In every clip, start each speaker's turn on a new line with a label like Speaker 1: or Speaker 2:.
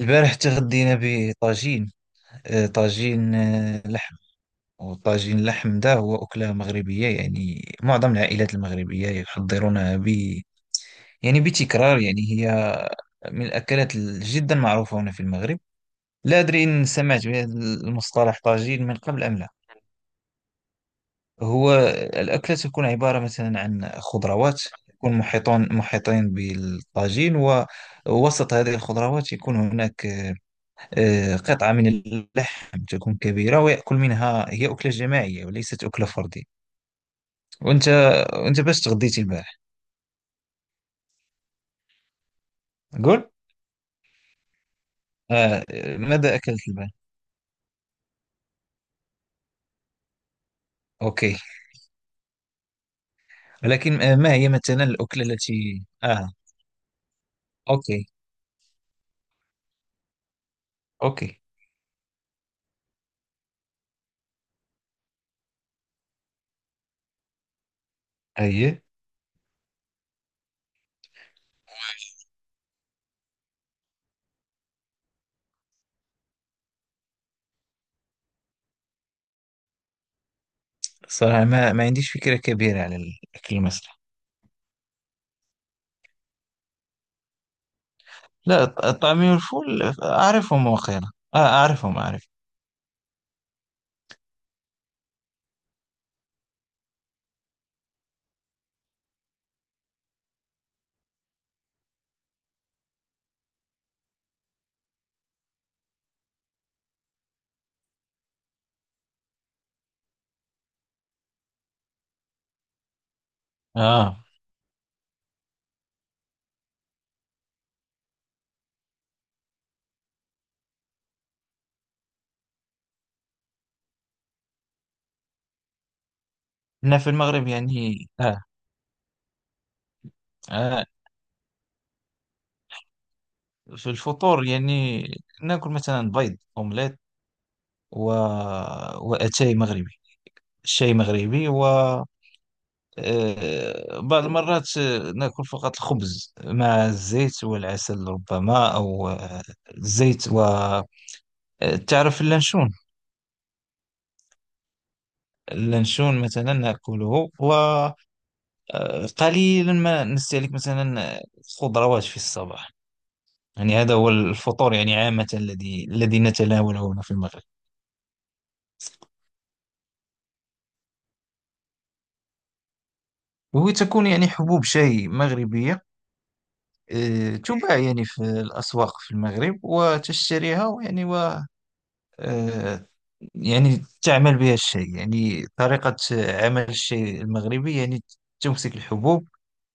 Speaker 1: البارح تغدينا بطاجين. طاجين، لحم. وطاجين اللحم ده هو أكلة مغربية. يعني معظم العائلات المغربية يحضرونها ب بتكرار. هي من الأكلات جدا معروفة هنا في المغرب. لا أدري إن سمعت بهذا المصطلح طاجين من قبل أم لا. هو الأكلة تكون عبارة مثلا عن خضروات، يكون محيطين بالطاجين، ووسط هذه الخضروات يكون هناك قطعة من اللحم تكون كبيرة ويأكل منها. هي أكلة جماعية وليست أكلة فردية. وأنت وأنت باش تغديتي البارح؟ قول. آه، ماذا أكلت البارح؟ أوكي. ولكن آه، ما هي مثلا الأكلة التي آه. أوكي. أوكي. أي. صراحة ما عنديش فكرة كبيرة على الأكل المصري. لا، الطعمية والفول أعرفهم، وقيلا آه، أعرفهم، أعرف آه. هنا في المغرب يعني آه. آه، في الفطور يعني ناكل مثلا بيض أومليت و... واتاي مغربي، الشاي مغربي. و بعض المرات ناكل فقط الخبز مع الزيت والعسل ربما، او الزيت و تعرف اللانشون؟ اللانشون مثلا ناكله. وقليلا ما نستهلك مثلا خضروات في الصباح. يعني هذا هو الفطور يعني عامة الذي نتناوله هنا في المغرب. وتكون يعني حبوب شاي مغربية، تباع يعني في الأسواق في المغرب وتشتريها، ويعني و آه، يعني تعمل بها الشاي. يعني طريقة عمل الشاي المغربي يعني تمسك الحبوب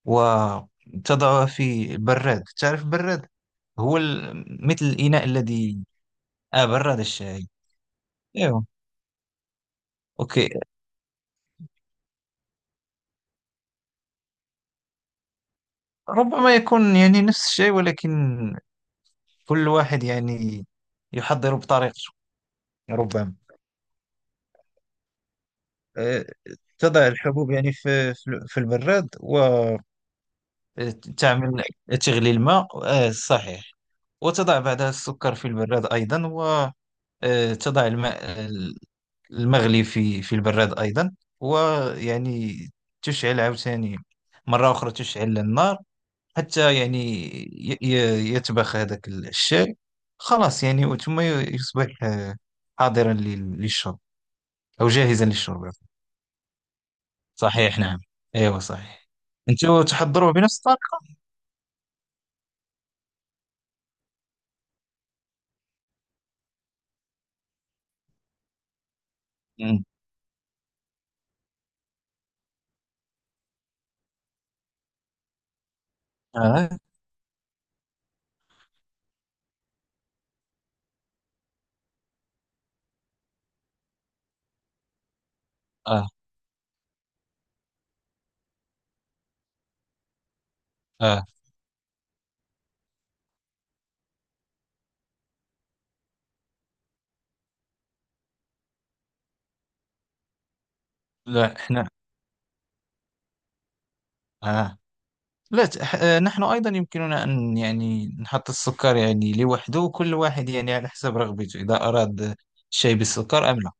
Speaker 1: وتضعها في البراد. تعرف البراد؟ هو مثل الإناء الذي. آه، براد الشاي. ايوه. أوكي. ربما يكون يعني نفس الشيء، ولكن كل واحد يعني يحضر بطريقته. ربما. آه، تضع الحبوب يعني في البراد، وتعمل تغلي الماء، صحيح. وتضع بعدها السكر في البراد أيضا، وتضع الماء المغلي في البراد أيضا. ويعني تشعل عاوتاني، مرة أخرى تشعل النار حتى يعني يتبخ هذاك الشاي. خلاص، يعني ثم يصبح حاضرا للشرب، أو جاهزا للشرب. صحيح، نعم. ايوه صحيح. انتوا تحضروا بنفس الطريقة؟ مم. آه. آه. آه. لا احنا. آه. لا نحن أيضا يمكننا أن يعني نحط السكر يعني لوحده، وكل واحد يعني على حسب رغبته، إذا أراد شيء بالسكر أم لا.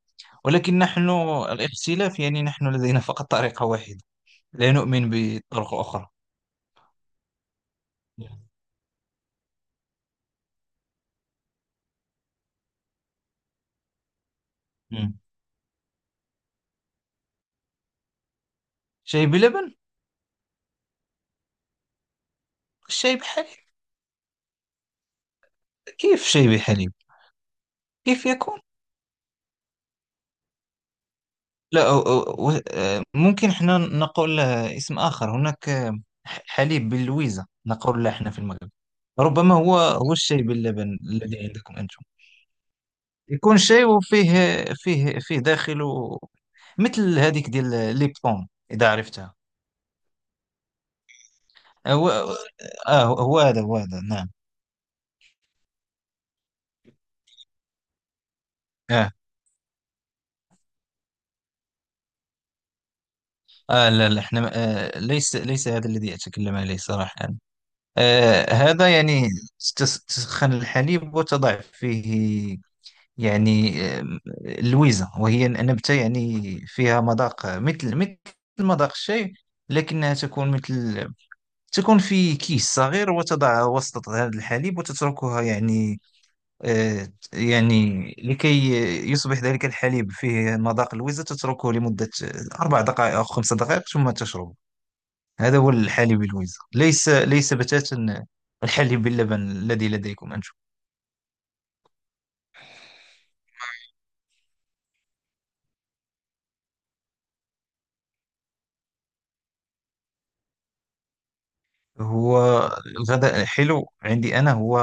Speaker 1: ولكن نحن الاختلاف يعني نحن لدينا فقط طريقة واحدة، لا نؤمن بطرق أخرى. مم. شاي بلبن؟ شاي بحليب. كيف شاي بحليب؟ كيف يكون؟ لا، أو أو و- آه، ممكن احنا نقول اسم آخر هناك. حليب باللويزة نقول له احنا في المغرب. ربما هو هو الشاي باللبن الذي عندكم أنتم. يكون شاي وفيه، فيه داخله مثل هذيك ديال ليبتون، إذا عرفتها. هو آه، هو هو هذا هو هذا نعم. آه آه. لا لا احنا ليس، ليس هذا الذي أتكلم عليه صراحة. آه، هذا يعني تسخن الحليب وتضع فيه يعني آم، لويزة، وهي نبتة يعني فيها مذاق مثل، مذاق الشاي. لكنها تكون مثل، تكون في كيس صغير وتضعها وسط هذا الحليب وتتركها يعني، يعني لكي يصبح ذلك الحليب فيه مذاق الويزة. تتركه لمدة أربع دقائق أو خمس دقائق ثم تشربه. هذا هو الحليب الويزة، ليس، ليس بتاتا الحليب باللبن الذي لديكم أنتم. هو الغداء حلو عندي أنا، هو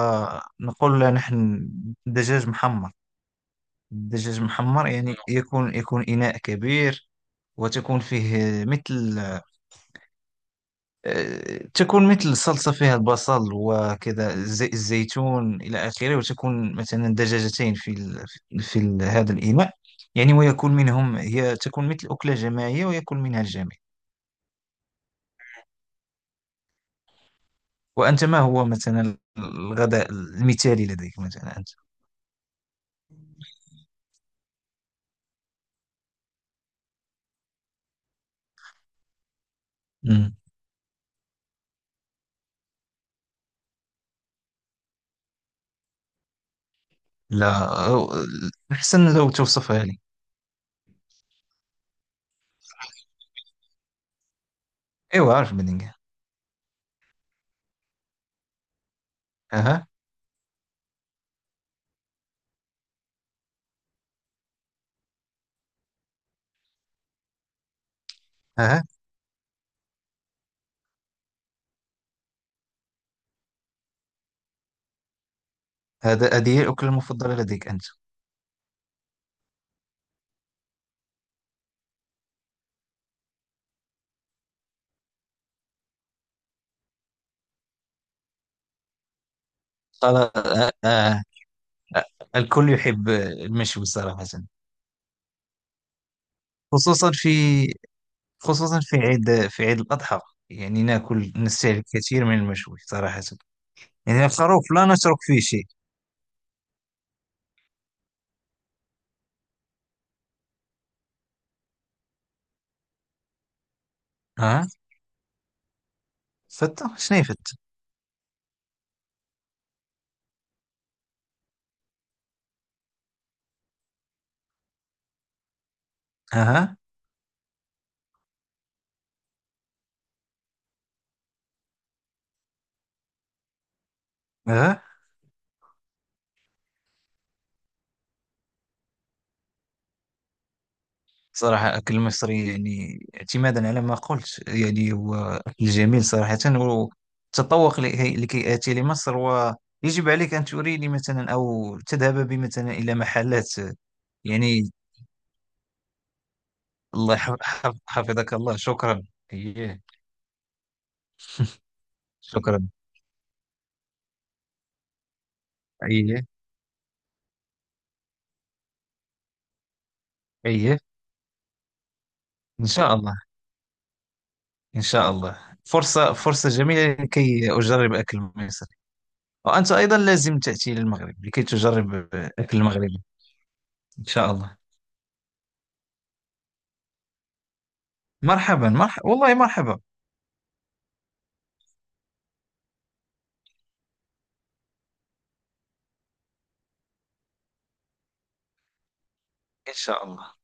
Speaker 1: نقول له نحن دجاج محمر. الدجاج محمر يعني يكون، يكون إناء كبير، وتكون فيه مثل، تكون مثل صلصة فيها البصل وكذا زي الزيتون إلى آخره، وتكون مثلا دجاجتين في ال... هذا الإناء يعني. ويكون منهم، هي تكون مثل أكلة جماعية ويكون منها الجميع. ما هو مثلا الغداء المثالي لديك مثلا أنت؟ لا، أحسن لو توصفها لي. أيوة، عارف بلينجهام. أها. أها، هذه هي الأكلة المفضلة لديك أنت؟ قال. آه آه. الكل يحب المشوي صراحة. خصوصا في خصوصا في عيد، في عيد الأضحى يعني ناكل، نستهلك كثير من المشوي صراحة. يعني الخروف لا نترك فيه شيء. أها. فتة شنو هي فتة؟ أها. أها. صراحة أكل المصري يعني اعتمادا على ما قلت يعني هو أكل جميل صراحة. والتذوق، لكي آتي لمصر ويجب عليك أن تريني مثلا، أو تذهب بي مثلا إلى محلات يعني. الله حفظك الله، شكرا. أيه. شكرا. أيه. أيه. إن شاء الله. إن شاء الله. فرصة جميلة لكي أجرب أكل مصري. وأنت أيضا لازم تأتي للمغرب لكي تجرب أكل المغربي. إن شاء الله. مرحبا، مرحبا والله، مرحبا. ان شاء الله.